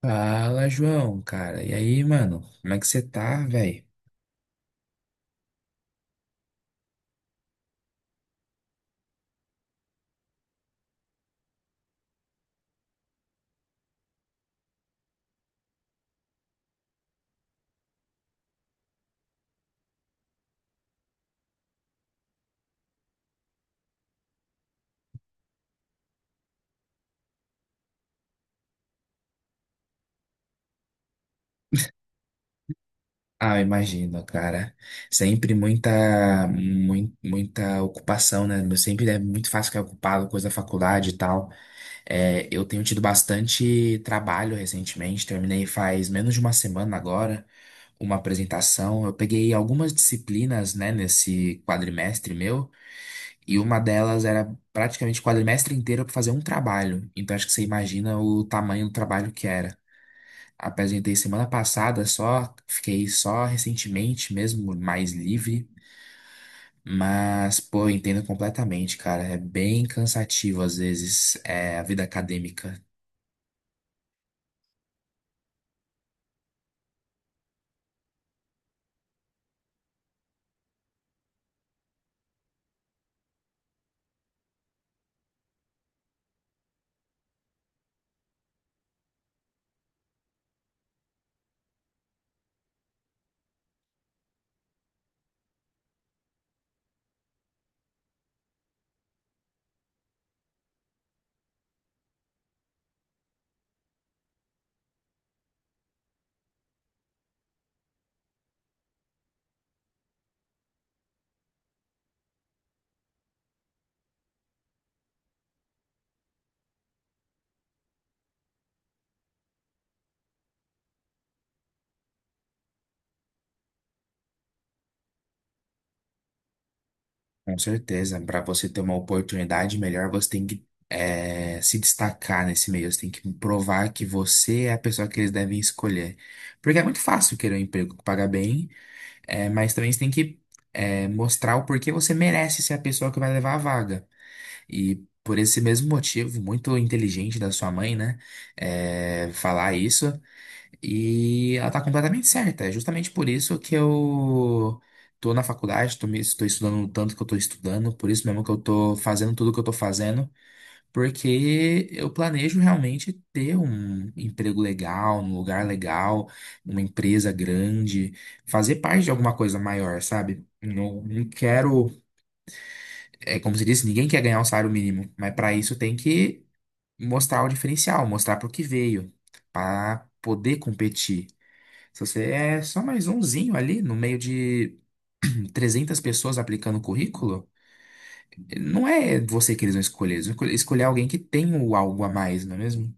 Fala, João, cara. E aí, mano? Como é que você tá, velho? Ah, eu imagino, cara. Sempre muita ocupação, né? Meu, sempre é muito fácil ficar ocupado, coisa da faculdade e tal. É, eu tenho tido bastante trabalho recentemente. Terminei faz menos de uma semana agora uma apresentação. Eu peguei algumas disciplinas, né, nesse quadrimestre meu, e uma delas era praticamente o quadrimestre inteiro para fazer um trabalho. Então acho que você imagina o tamanho do trabalho que era. Apresentei semana passada só, fiquei só recentemente mesmo, mais livre. Mas, pô, eu entendo completamente, cara. É bem cansativo às vezes, a vida acadêmica. Com certeza. Para você ter uma oportunidade melhor, você tem que se destacar nesse meio. Você tem que provar que você é a pessoa que eles devem escolher. Porque é muito fácil querer um emprego que paga bem, mas também você tem que mostrar o porquê você merece ser a pessoa que vai levar a vaga. E por esse mesmo motivo, muito inteligente da sua mãe, né? Falar isso. E ela tá completamente certa. É justamente por isso que eu tô na faculdade, estou estudando o tanto que eu tô estudando, por isso mesmo que eu tô fazendo tudo que eu tô fazendo, porque eu planejo realmente ter um emprego legal, um lugar legal, uma empresa grande, fazer parte de alguma coisa maior, sabe? Não, não quero, é como se disse, ninguém quer ganhar um salário mínimo, mas para isso tem que mostrar o diferencial, mostrar para o que veio, para poder competir. Se você é só mais umzinho ali no meio de 300 pessoas aplicando o currículo, não é você que eles vão escolher, eles vão escolher alguém que tem o algo a mais, não é mesmo?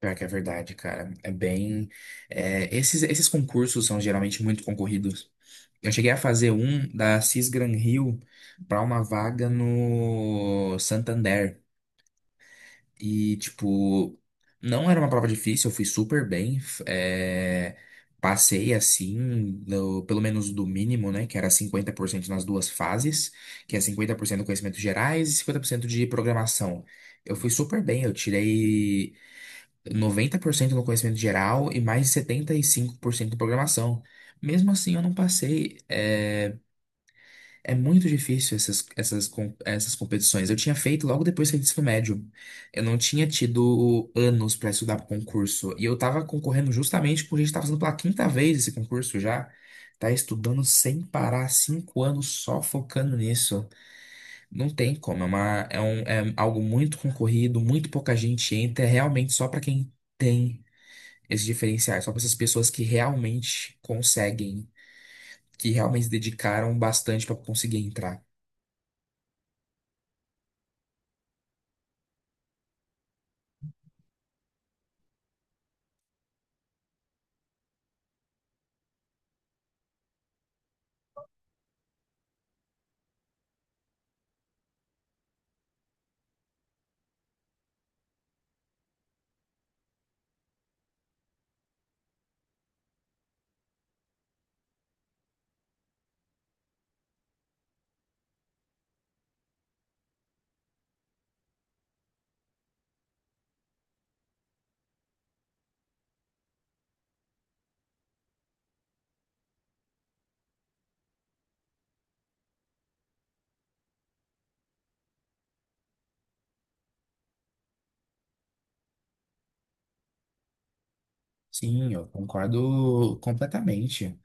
Pior que é verdade, cara. É bem. Esses concursos são geralmente muito concorridos. Eu cheguei a fazer um da Cis Gran Rio para uma vaga no Santander. E, tipo, não era uma prova difícil, eu fui super bem. Passei assim, pelo menos do mínimo, né? Que era 50% nas duas fases, que é 50% de conhecimentos gerais e 50% de programação. Eu fui super bem, eu tirei 90% no conhecimento geral e mais 75% de programação. Mesmo assim, eu não passei. É muito difícil essas competições. Eu tinha feito logo depois que eu saí do ensino médio. Eu não tinha tido anos para estudar para concurso. E eu tava concorrendo justamente porque a gente tá fazendo pela quinta vez esse concurso já. Tá estudando sem parar, 5 anos só focando nisso. Não tem como. É, um, é algo muito concorrido, muito pouca gente entra. É realmente só para quem tem esses diferenciais, só para essas pessoas que realmente conseguem, que realmente se dedicaram bastante para conseguir entrar. Sim, eu concordo completamente.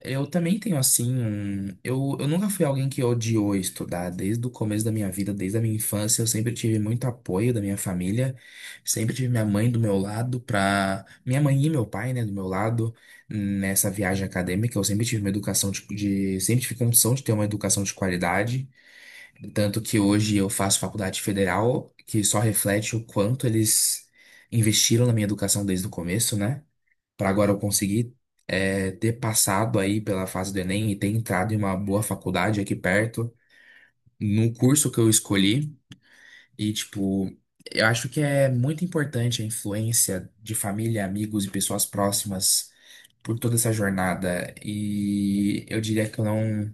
Eu também tenho assim um. Eu nunca fui alguém que odiou estudar desde o começo da minha vida, desde a minha infância. Eu sempre tive muito apoio da minha família, sempre tive minha mãe do meu lado, pra. Minha mãe e meu pai, né, do meu lado, nessa viagem acadêmica. Eu sempre tive uma educação Sempre tive condição de ter uma educação de qualidade. Tanto que hoje eu faço faculdade federal, que só reflete o quanto eles investiram na minha educação desde o começo, né? Para agora eu conseguir ter passado aí pela fase do Enem e ter entrado em uma boa faculdade aqui perto, no curso que eu escolhi. E, tipo, eu acho que é muito importante a influência de família, amigos e pessoas próximas por toda essa jornada. E eu diria que eu não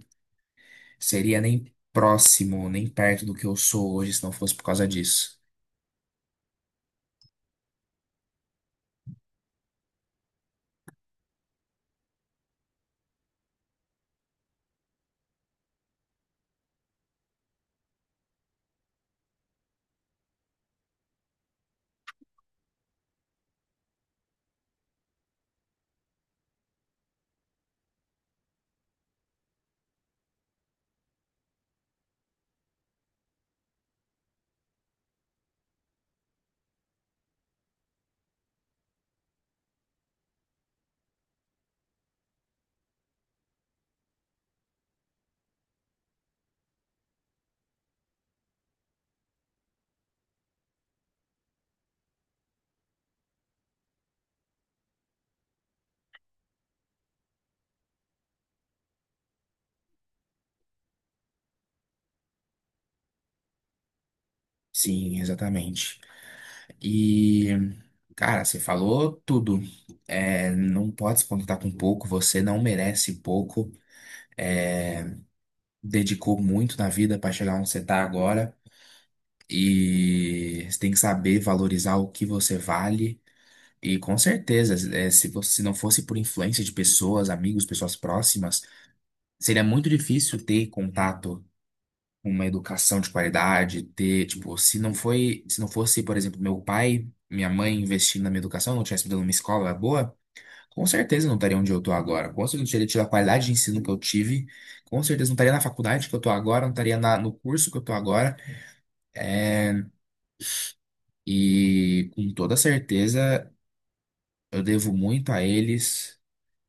seria nem próximo, nem perto do que eu sou hoje se não fosse por causa disso. Sim, exatamente. E, cara, você falou tudo. É, não pode se contentar com pouco, você não merece pouco. É, Dedicou muito na vida para chegar onde você tá agora. E você tem que saber valorizar o que você vale. E com certeza, é, se você se não fosse por influência de pessoas, amigos, pessoas próximas, seria muito difícil ter contato com uma educação de qualidade, ter, tipo, se não fosse, por exemplo, meu pai, minha mãe investindo na minha educação, não tivesse me dado uma escola boa. Com certeza não estaria onde eu estou agora. Com certeza não teria tido a qualidade de ensino que eu tive. Com certeza não estaria na faculdade que eu estou agora, não estaria no curso que eu estou agora. E com toda certeza eu devo muito a eles,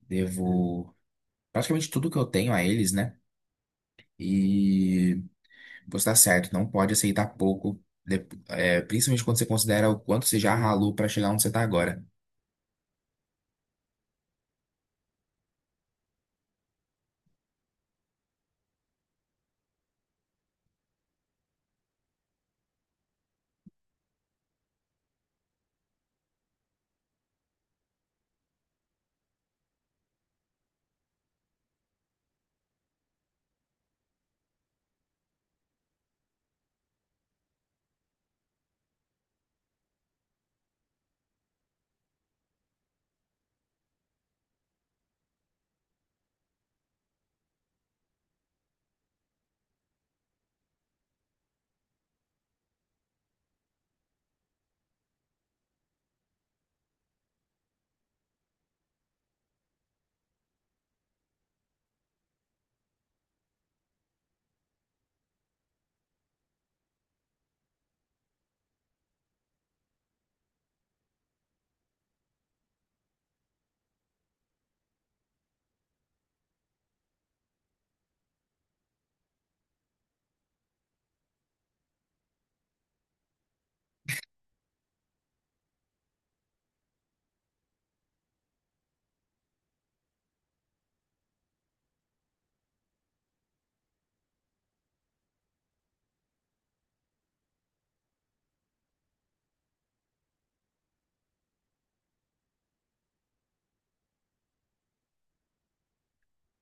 devo praticamente tudo que eu tenho a eles, né? E você tá certo, não pode aceitar pouco, principalmente quando você considera o quanto você já ralou para chegar onde você está agora.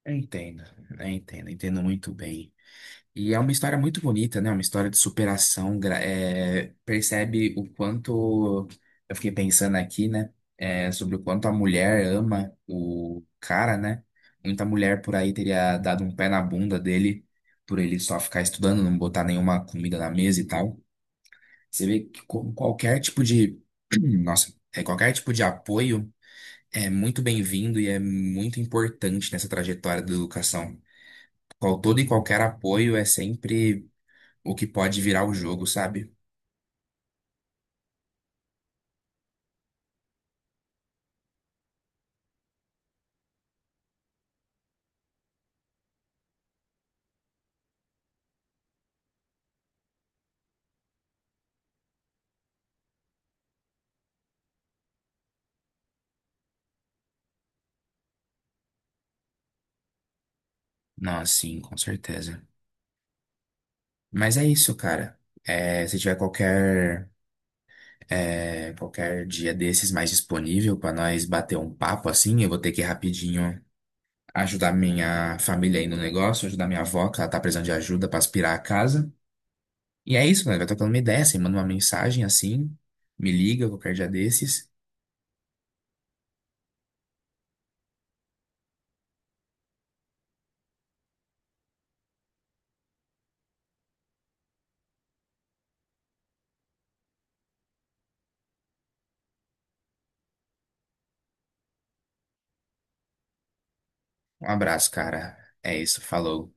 Eu entendo, eu entendo, eu entendo muito bem. E é uma história muito bonita, né? Uma história de Superação. Percebe o quanto. Eu fiquei pensando aqui, né? É, sobre o quanto a mulher ama o cara, né? Muita mulher por aí teria dado um pé na bunda dele por ele só ficar estudando, não botar nenhuma comida na mesa e tal. Você vê que com qualquer tipo de. Nossa, qualquer tipo de apoio é muito bem-vindo e é muito importante nessa trajetória da educação. Todo e qualquer apoio é sempre o que pode virar o jogo, sabe? Não, sim, com certeza. Mas é isso, cara. Se tiver qualquer dia desses mais disponível pra nós bater um papo assim, eu vou ter que ir rapidinho ajudar minha família aí no negócio, ajudar minha avó, que ela tá precisando de ajuda pra aspirar a casa. E é isso, mano. Vai trocando uma ideia, você manda uma mensagem assim, me liga qualquer dia desses. Um abraço, cara. É isso, falou.